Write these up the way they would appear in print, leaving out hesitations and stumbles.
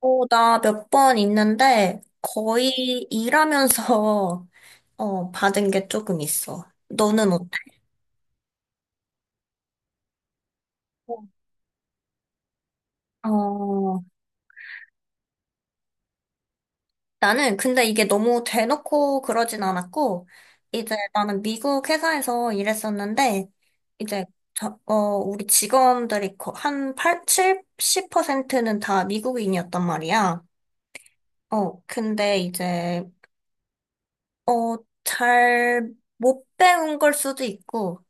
나 몇 번 있는데 거의 일하면서 받은 게 조금 있어. 너는 어때? 어. 어, 나는 근데 이게 너무 대놓고 그러진 않았고, 이제 나는 미국 회사에서 일했었는데, 이제, 우리 직원들이 한 8, 70%는 다 미국인이었단 말이야. 근데 이제, 어, 잘 못 배운 걸 수도 있고,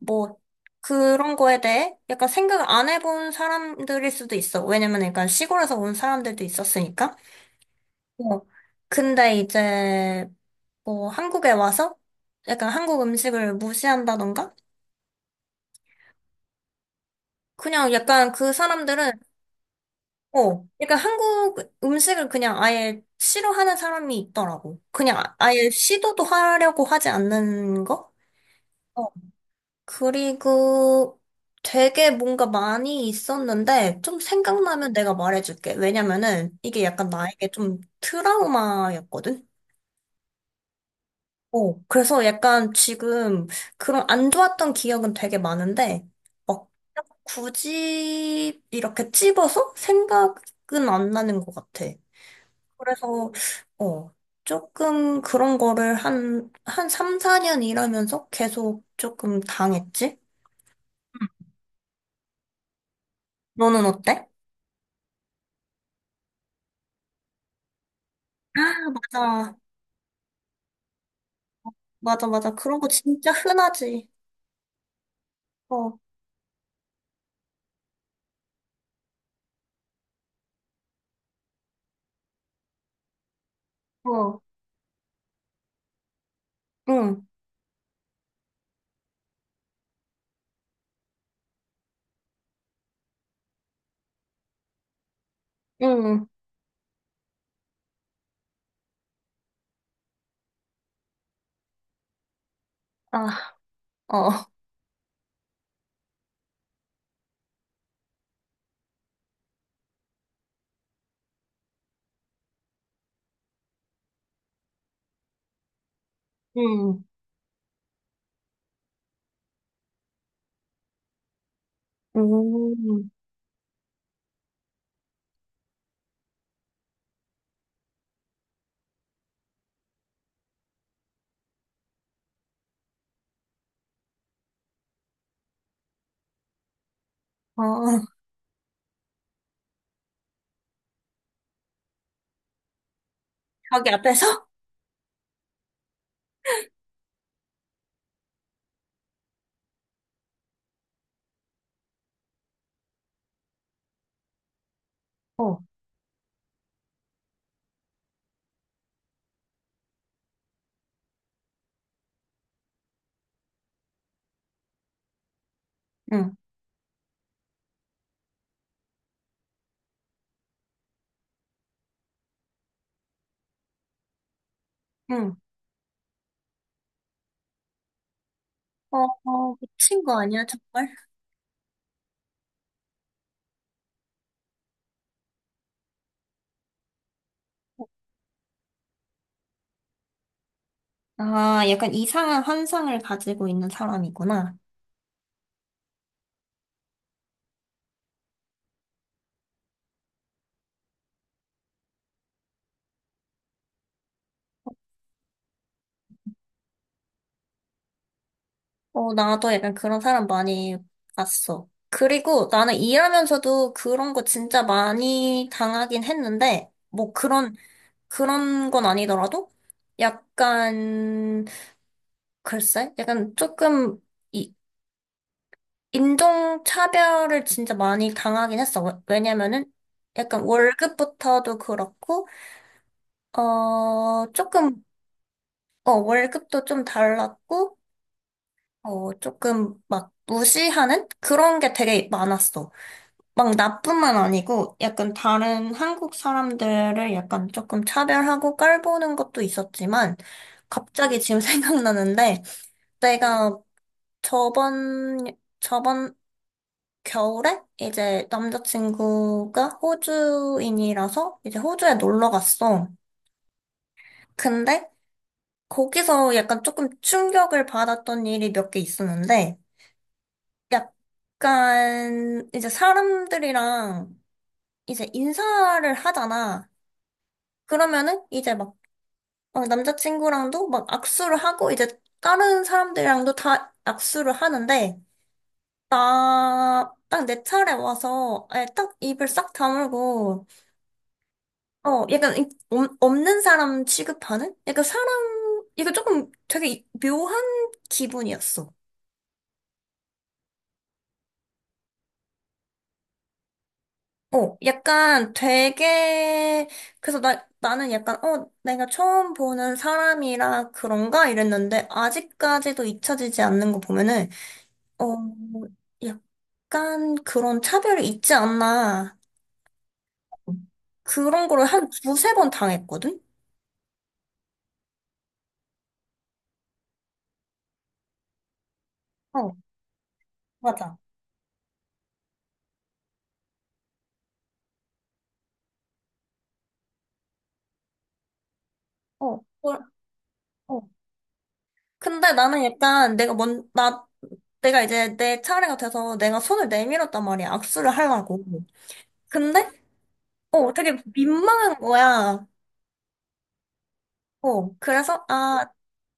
뭐 그런 거에 대해 약간 생각 안 해본 사람들일 수도 있어. 왜냐면 약간 시골에서 온 사람들도 있었으니까. 뭐 근데 이제 뭐 한국에 와서 약간 한국 음식을 무시한다던가? 그냥 약간 그 사람들은 약간 한국 음식을 그냥 아예 싫어하는 사람이 있더라고. 그냥 아예 시도도 하려고 하지 않는 거? 어, 그리고 되게 뭔가 많이 있었는데 좀 생각나면 내가 말해줄게. 왜냐면은 이게 약간 나에게 좀 트라우마였거든? 그래서 약간 지금 그런 안 좋았던 기억은 되게 많은데 막 굳이 이렇게 찝어서 생각은 안 나는 것 같아. 그래서 어, 조금 그런 거를 한 3, 4년 일하면서 계속 조금 당했지? 너는 어때? 아, 맞아. 맞아, 맞아. 그런 거 진짜 흔하지. 어, 어, 응, 응, 아, 어, 응, 응. 어, 저기 앞에서? 어, 응, 응. 어, 어, 미친 거 아니야, 정말? 아, 약간 이상한 환상을 가지고 있는 사람이구나. 나도 약간 그런 사람 많이 봤어. 그리고 나는 일하면서도 그런 거 진짜 많이 당하긴 했는데, 뭐 그런 그런 건 아니더라도 약간 글쎄 약간 조금 이 인종차별을 진짜 많이 당하긴 했어. 왜냐면은 약간 월급부터도 그렇고 조금 월급도 좀 달랐고 조금 막 무시하는 그런 게 되게 많았어. 막 나뿐만 아니고 약간 다른 한국 사람들을 약간 조금 차별하고 깔보는 것도 있었지만 갑자기 지금 생각나는데 내가 저번, 저번 겨울에 이제 남자친구가 호주인이라서 이제 호주에 놀러 갔어. 근데 거기서 약간 조금 충격을 받았던 일이 몇 개 있었는데 약간 이제 사람들이랑 이제 인사를 하잖아. 그러면은 이제 막 남자친구랑도 막 악수를 하고 이제 다른 사람들이랑도 다 악수를 하는데 나, 딱 내 차례 와서, 예, 딱 입을 싹 다물고, 약간, 없는 사람 취급하는? 약간 사람, 이거 조금 되게 묘한 기분이었어. 약간 되게, 그래서 나는 약간, 어, 내가 처음 보는 사람이라 그런가? 이랬는데, 아직까지도 잊혀지지 않는 거 보면은, 어, 약간 그런 차별이 있지 않나. 그런 거를 한 두세 번 당했거든? 어. 맞아. 어, 뭘- 어, 근데 나는 약간 내가 이제 내 차례가 돼서 내가 손을 내밀었단 말이야. 악수를 하려고. 근데, 되게 민망한 거야. 그래서, 아,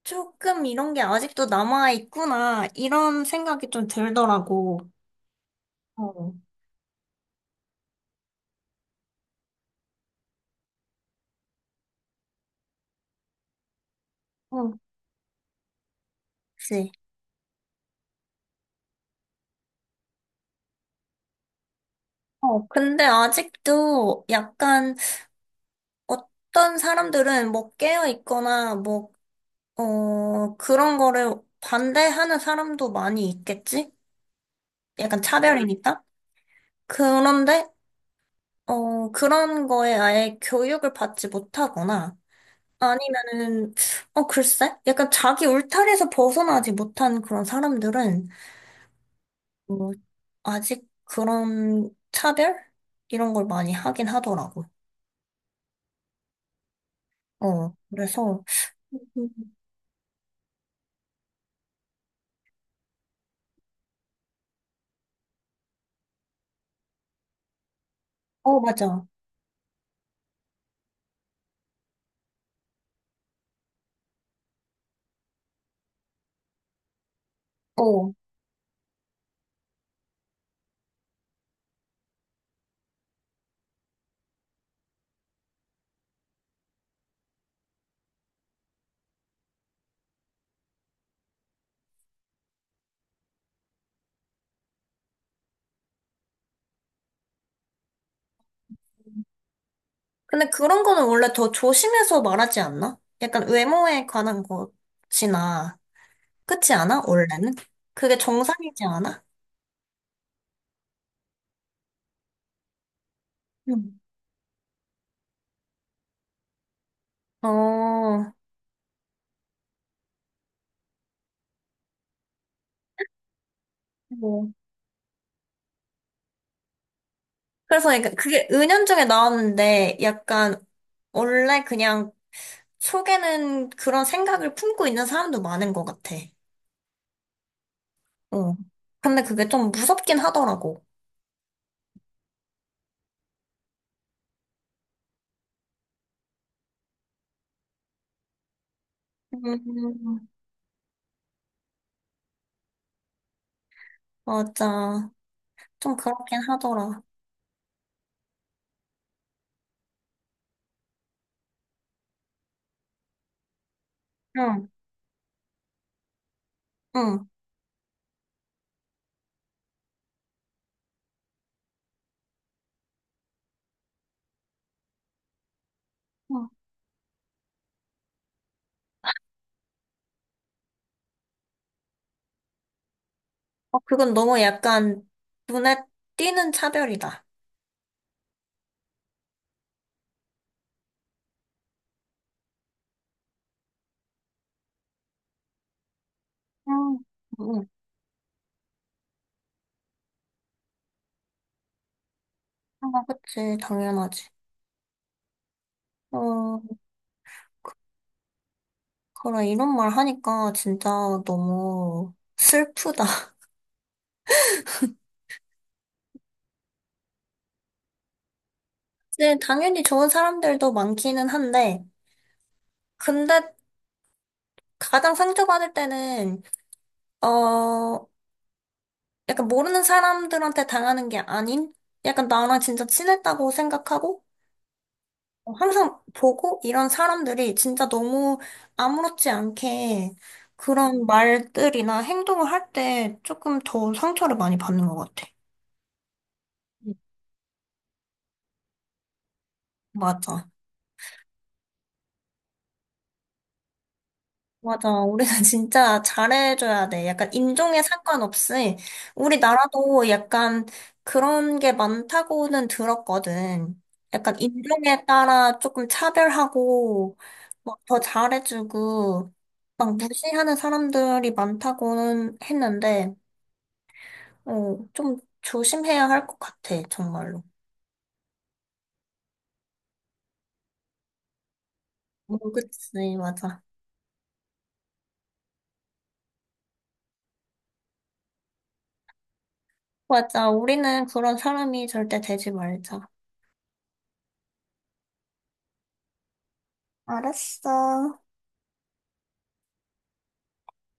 조금 이런 게 아직도 남아있구나. 이런 생각이 좀 들더라고. 어, 어, 그치. 근데 아직도 약간 어떤 사람들은 뭐 깨어있거나 뭐 그런 거를 반대하는 사람도 많이 있겠지? 약간 차별이니까? 그런데, 그런 거에 아예 교육을 받지 못하거나, 아니면은, 어, 글쎄? 약간 자기 울타리에서 벗어나지 못한 그런 사람들은, 뭐, 아직 그런 차별? 이런 걸 많이 하긴 하더라고. 그래서, 어, 맞아. 어. 근데 그런 거는 원래 더 조심해서 말하지 않나? 약간 외모에 관한 것이나, 그렇지 않아? 원래는? 그게 정상이지 않아? 응. 어, 뭐, 그래서 이게 그게 은연중에 나왔는데 약간 원래 그냥 속에는 그런 생각을 품고 있는 사람도 많은 것 같아. 어. 근데 그게 좀 무섭긴 하더라고. 음, 맞아. 좀 그렇긴 하더라. 응, 응. 어, 그건 너무 약간 눈에 띄는 차별이다. 음, 응, 응. 아, 그치, 당연하지. 어, 그래, 이런 말 하니까 진짜 너무 슬프다. 네, 당연히 좋은 사람들도 많기는 한데, 근데 가장 상처받을 때는, 어, 약간 모르는 사람들한테 당하는 게 아닌, 약간 나랑 진짜 친했다고 생각하고, 항상 보고 이런 사람들이 진짜 너무 아무렇지 않게 그런 말들이나 행동을 할 때 조금 더 상처를 많이 받는 것 같아. 맞아. 맞아. 우리는 진짜 잘해줘야 돼. 약간 인종에 상관없이 우리나라도 약간 그런 게 많다고는 들었거든. 약간 인종에 따라 조금 차별하고 막 더 잘해주고 막 무시하는 사람들이 많다고는 했는데, 어, 좀 조심해야 할 것 같아, 정말로. 어, 그치, 맞아. 맞아. 우리는 그런 사람이 절대 되지 말자. 알았어.